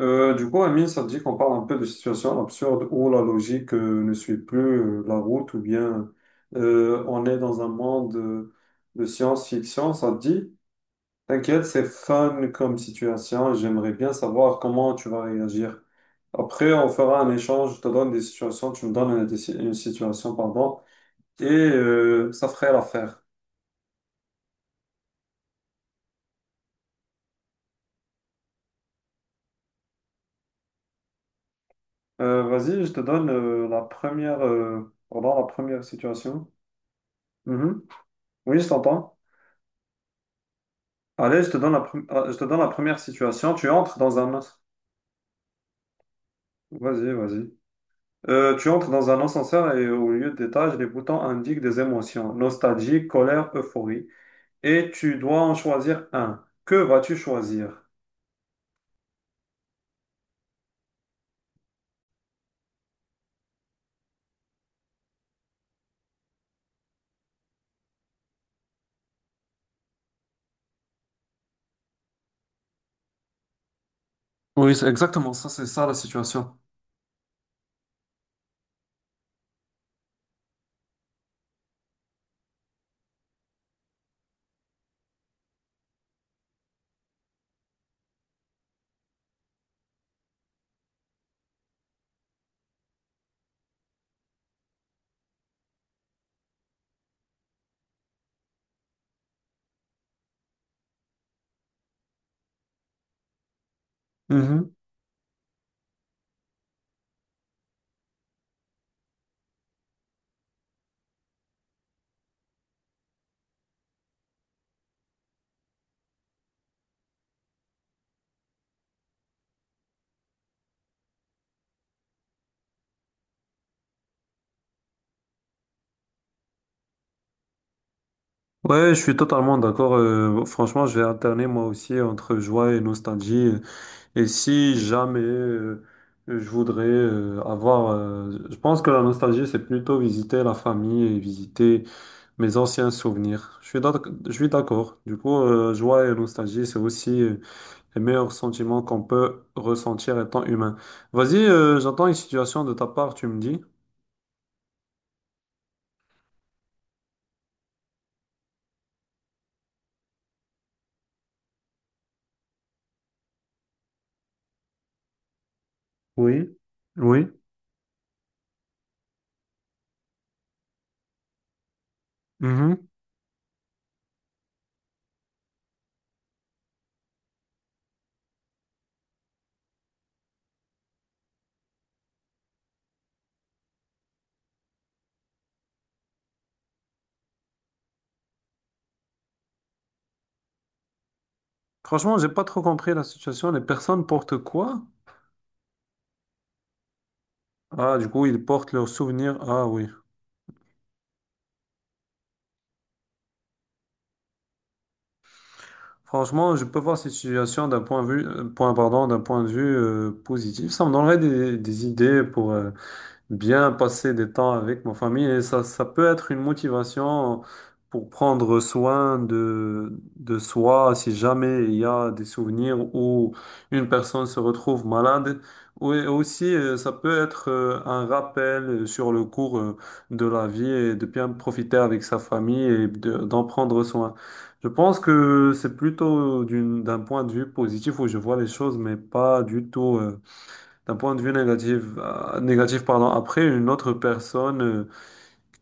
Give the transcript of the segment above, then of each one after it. Amine, ça te dit qu'on parle un peu de situations absurdes où la logique ne suit plus la route ou bien on est dans un monde de science-fiction, ça te dit? T'inquiète, c'est fun comme situation et j'aimerais bien savoir comment tu vas réagir. Après, on fera un échange, je te donne des situations, tu me donnes une situation, pardon, et ça ferait l'affaire. Vas-y, je te donne la première, voilà, la première situation. Mhm. Oui, je t'entends. Allez, je te donne je te donne la première situation. Tu entres dans un... as- Vas-y, vas-y. Tu entres dans un ascenseur et au lieu d'étage, les boutons indiquent des émotions, nostalgie, colère, euphorie. Et tu dois en choisir un. Que vas-tu choisir? Oui, c'est exactement ça, c'est ça la situation. Mhm. Ouais, je suis totalement d'accord. Franchement, je vais alterner moi aussi entre joie et nostalgie. Et si jamais je voudrais je pense que la nostalgie, c'est plutôt visiter la famille et visiter mes anciens souvenirs. Je suis d'accord. Du coup, joie et nostalgie, c'est aussi les meilleurs sentiments qu'on peut ressentir étant humain. Vas-y, j'attends une situation de ta part, tu me dis. Oui, oui. Mhm. Franchement, j'ai pas trop compris la situation. Les personnes portent quoi? Ah, du coup, ils portent leurs souvenirs. Ah oui. Franchement, je peux voir cette situation d'un point de vue, pardon, d'un point de vue positif. Ça me donnerait des idées pour, bien passer des temps avec ma famille et ça peut être une motivation pour prendre soin de soi si jamais il y a des souvenirs où une personne se retrouve malade. Ou et aussi, ça peut être un rappel sur le cours de la vie et de bien profiter avec sa famille et d'en prendre soin. Je pense que c'est plutôt d'un point de vue positif où je vois les choses, mais pas du tout d'un point de vue négatif, pardon, après, une autre personne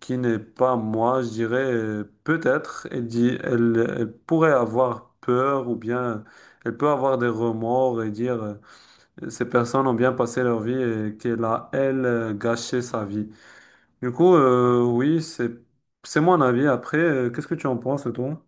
qui n'est pas moi, je dirais, peut-être, elle pourrait avoir peur ou bien elle peut avoir des remords et dire, ces personnes ont bien passé leur vie et qu'elle a, elle, gâché sa vie. Du coup, oui, c'est mon avis. Après, qu'est-ce que tu en penses, toi?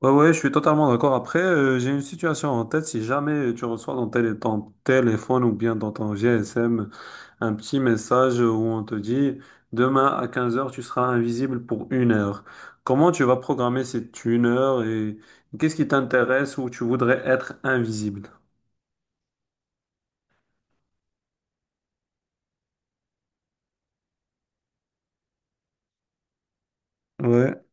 Ouais, ouais, je suis totalement d'accord. Après, j'ai une situation en tête. Si jamais tu reçois dans tel et ton téléphone ou bien dans ton GSM, un petit message où on te dit demain à 15 heures tu seras invisible pour 1 heure. Comment tu vas programmer cette 1 heure et qu'est-ce qui t'intéresse où tu voudrais être invisible? Ouais.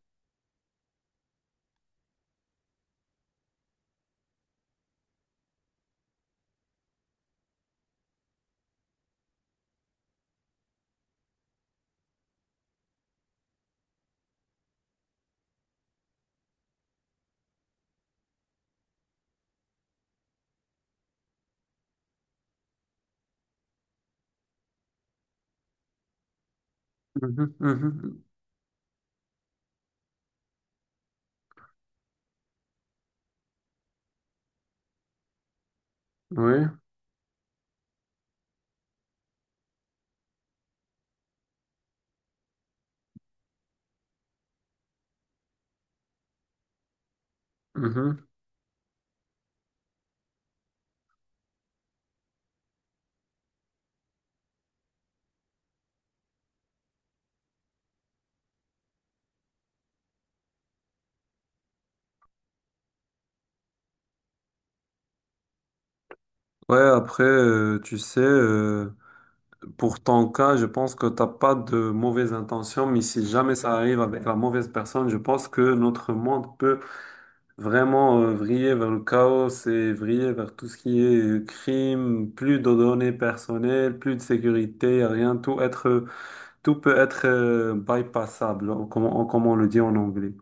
Mhm, mhm, oui. Mhm. Ouais, après, pour ton cas, je pense que t'as pas de mauvaises intentions, mais si jamais ça arrive avec la mauvaise personne, je pense que notre monde peut vraiment vriller vers le chaos et vriller vers tout ce qui est crime, plus de données personnelles, plus de sécurité, rien, tout peut être bypassable, comme on le dit en anglais.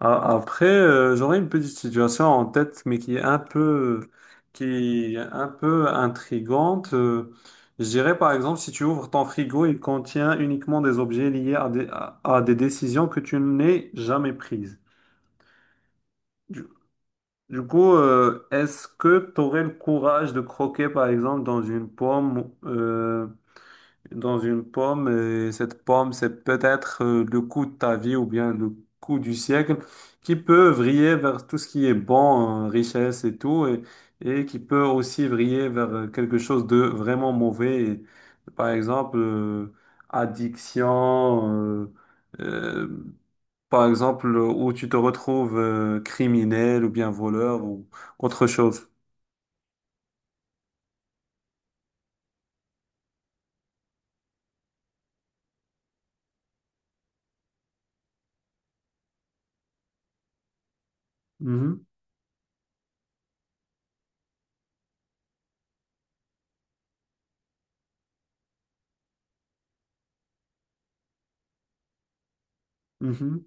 Après, j'aurais une petite situation en tête, mais qui est un peu intrigante. Je dirais par exemple, si tu ouvres ton frigo, il contient uniquement des objets liés à à des décisions que tu n'es jamais prises. Du coup, est-ce que tu aurais le courage de croquer, par exemple, dans une pomme, et cette pomme, c'est peut-être le coup de ta vie ou bien le coup du siècle, qui peut vriller vers tout ce qui est bon, richesse et tout, et qui peut aussi vriller vers quelque chose de vraiment mauvais, et, par exemple, addiction, euh, par exemple, où tu te retrouves criminel ou bien voleur ou autre chose. Mhm, mhm,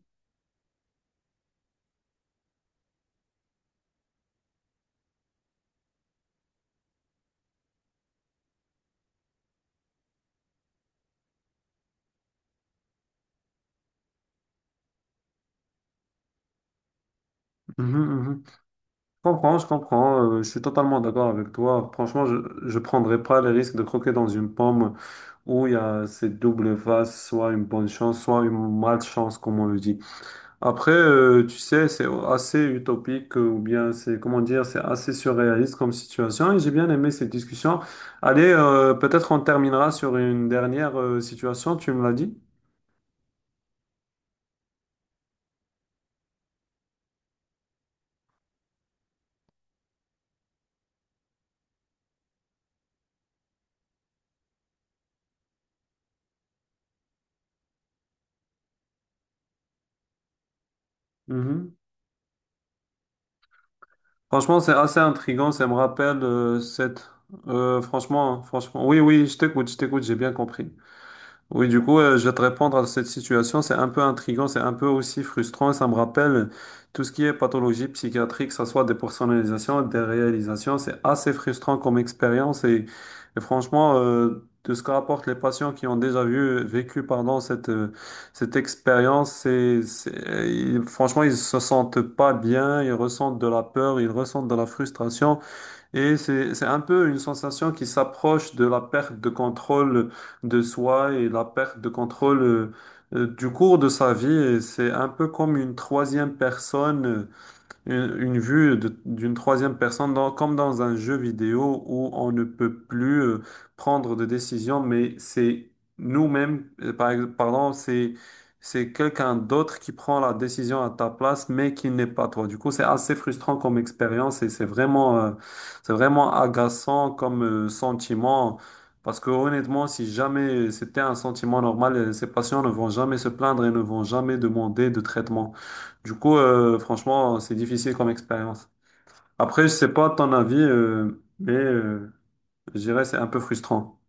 mhm, mhm. Je comprends, je comprends, je suis totalement d'accord avec toi. Franchement, je ne prendrais pas le risque de croquer dans une pomme où il y a cette double face, soit une bonne chance, soit une malchance, comme on le dit. Après, tu sais, c'est assez utopique ou bien c'est, comment dire, c'est assez surréaliste comme situation et j'ai bien aimé cette discussion. Allez, peut-être on terminera sur une dernière situation, tu me l'as dit? Mhm. Franchement, c'est assez intriguant, ça me rappelle cette... franchement, hein, franchement, oui, oui, je t'écoute, j'ai bien compris. Oui, du coup, je vais te répondre à cette situation. C'est un peu intriguant, c'est un peu aussi frustrant. Ça me rappelle tout ce qui est pathologie psychiatrique, que ce soit des personnalisations, des réalisations. C'est assez frustrant comme expérience. Et franchement, de ce que rapportent les patients qui ont déjà vécu, pardon, cette expérience, franchement, ils se sentent pas bien, ils ressentent de la peur, ils ressentent de la frustration. Et c'est un peu une sensation qui s'approche de la perte de contrôle de soi et la perte de contrôle du cours de sa vie. Et c'est un peu comme une troisième personne une vue d'une troisième personne, comme dans un jeu vidéo où on ne peut plus prendre de décision, mais c'est nous-mêmes, pardon, c'est quelqu'un d'autre qui prend la décision à ta place, mais qui n'est pas toi. Du coup, c'est assez frustrant comme expérience et c'est vraiment agaçant comme sentiment. Parce que honnêtement, si jamais c'était un sentiment normal, ces patients ne vont jamais se plaindre et ne vont jamais demander de traitement. Du coup, franchement, c'est difficile comme expérience. Après, je sais pas ton avis, je dirais c'est un peu frustrant.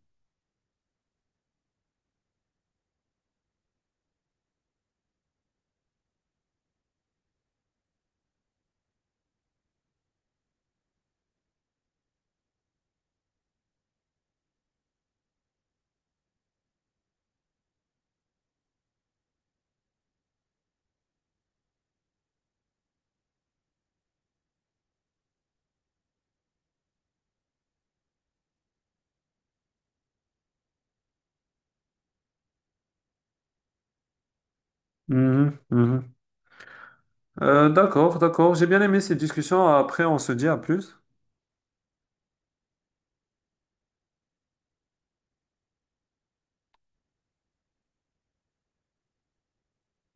Mhm, mhm. D'accord, d'accord. J'ai bien aimé cette discussion. Après, on se dit à plus.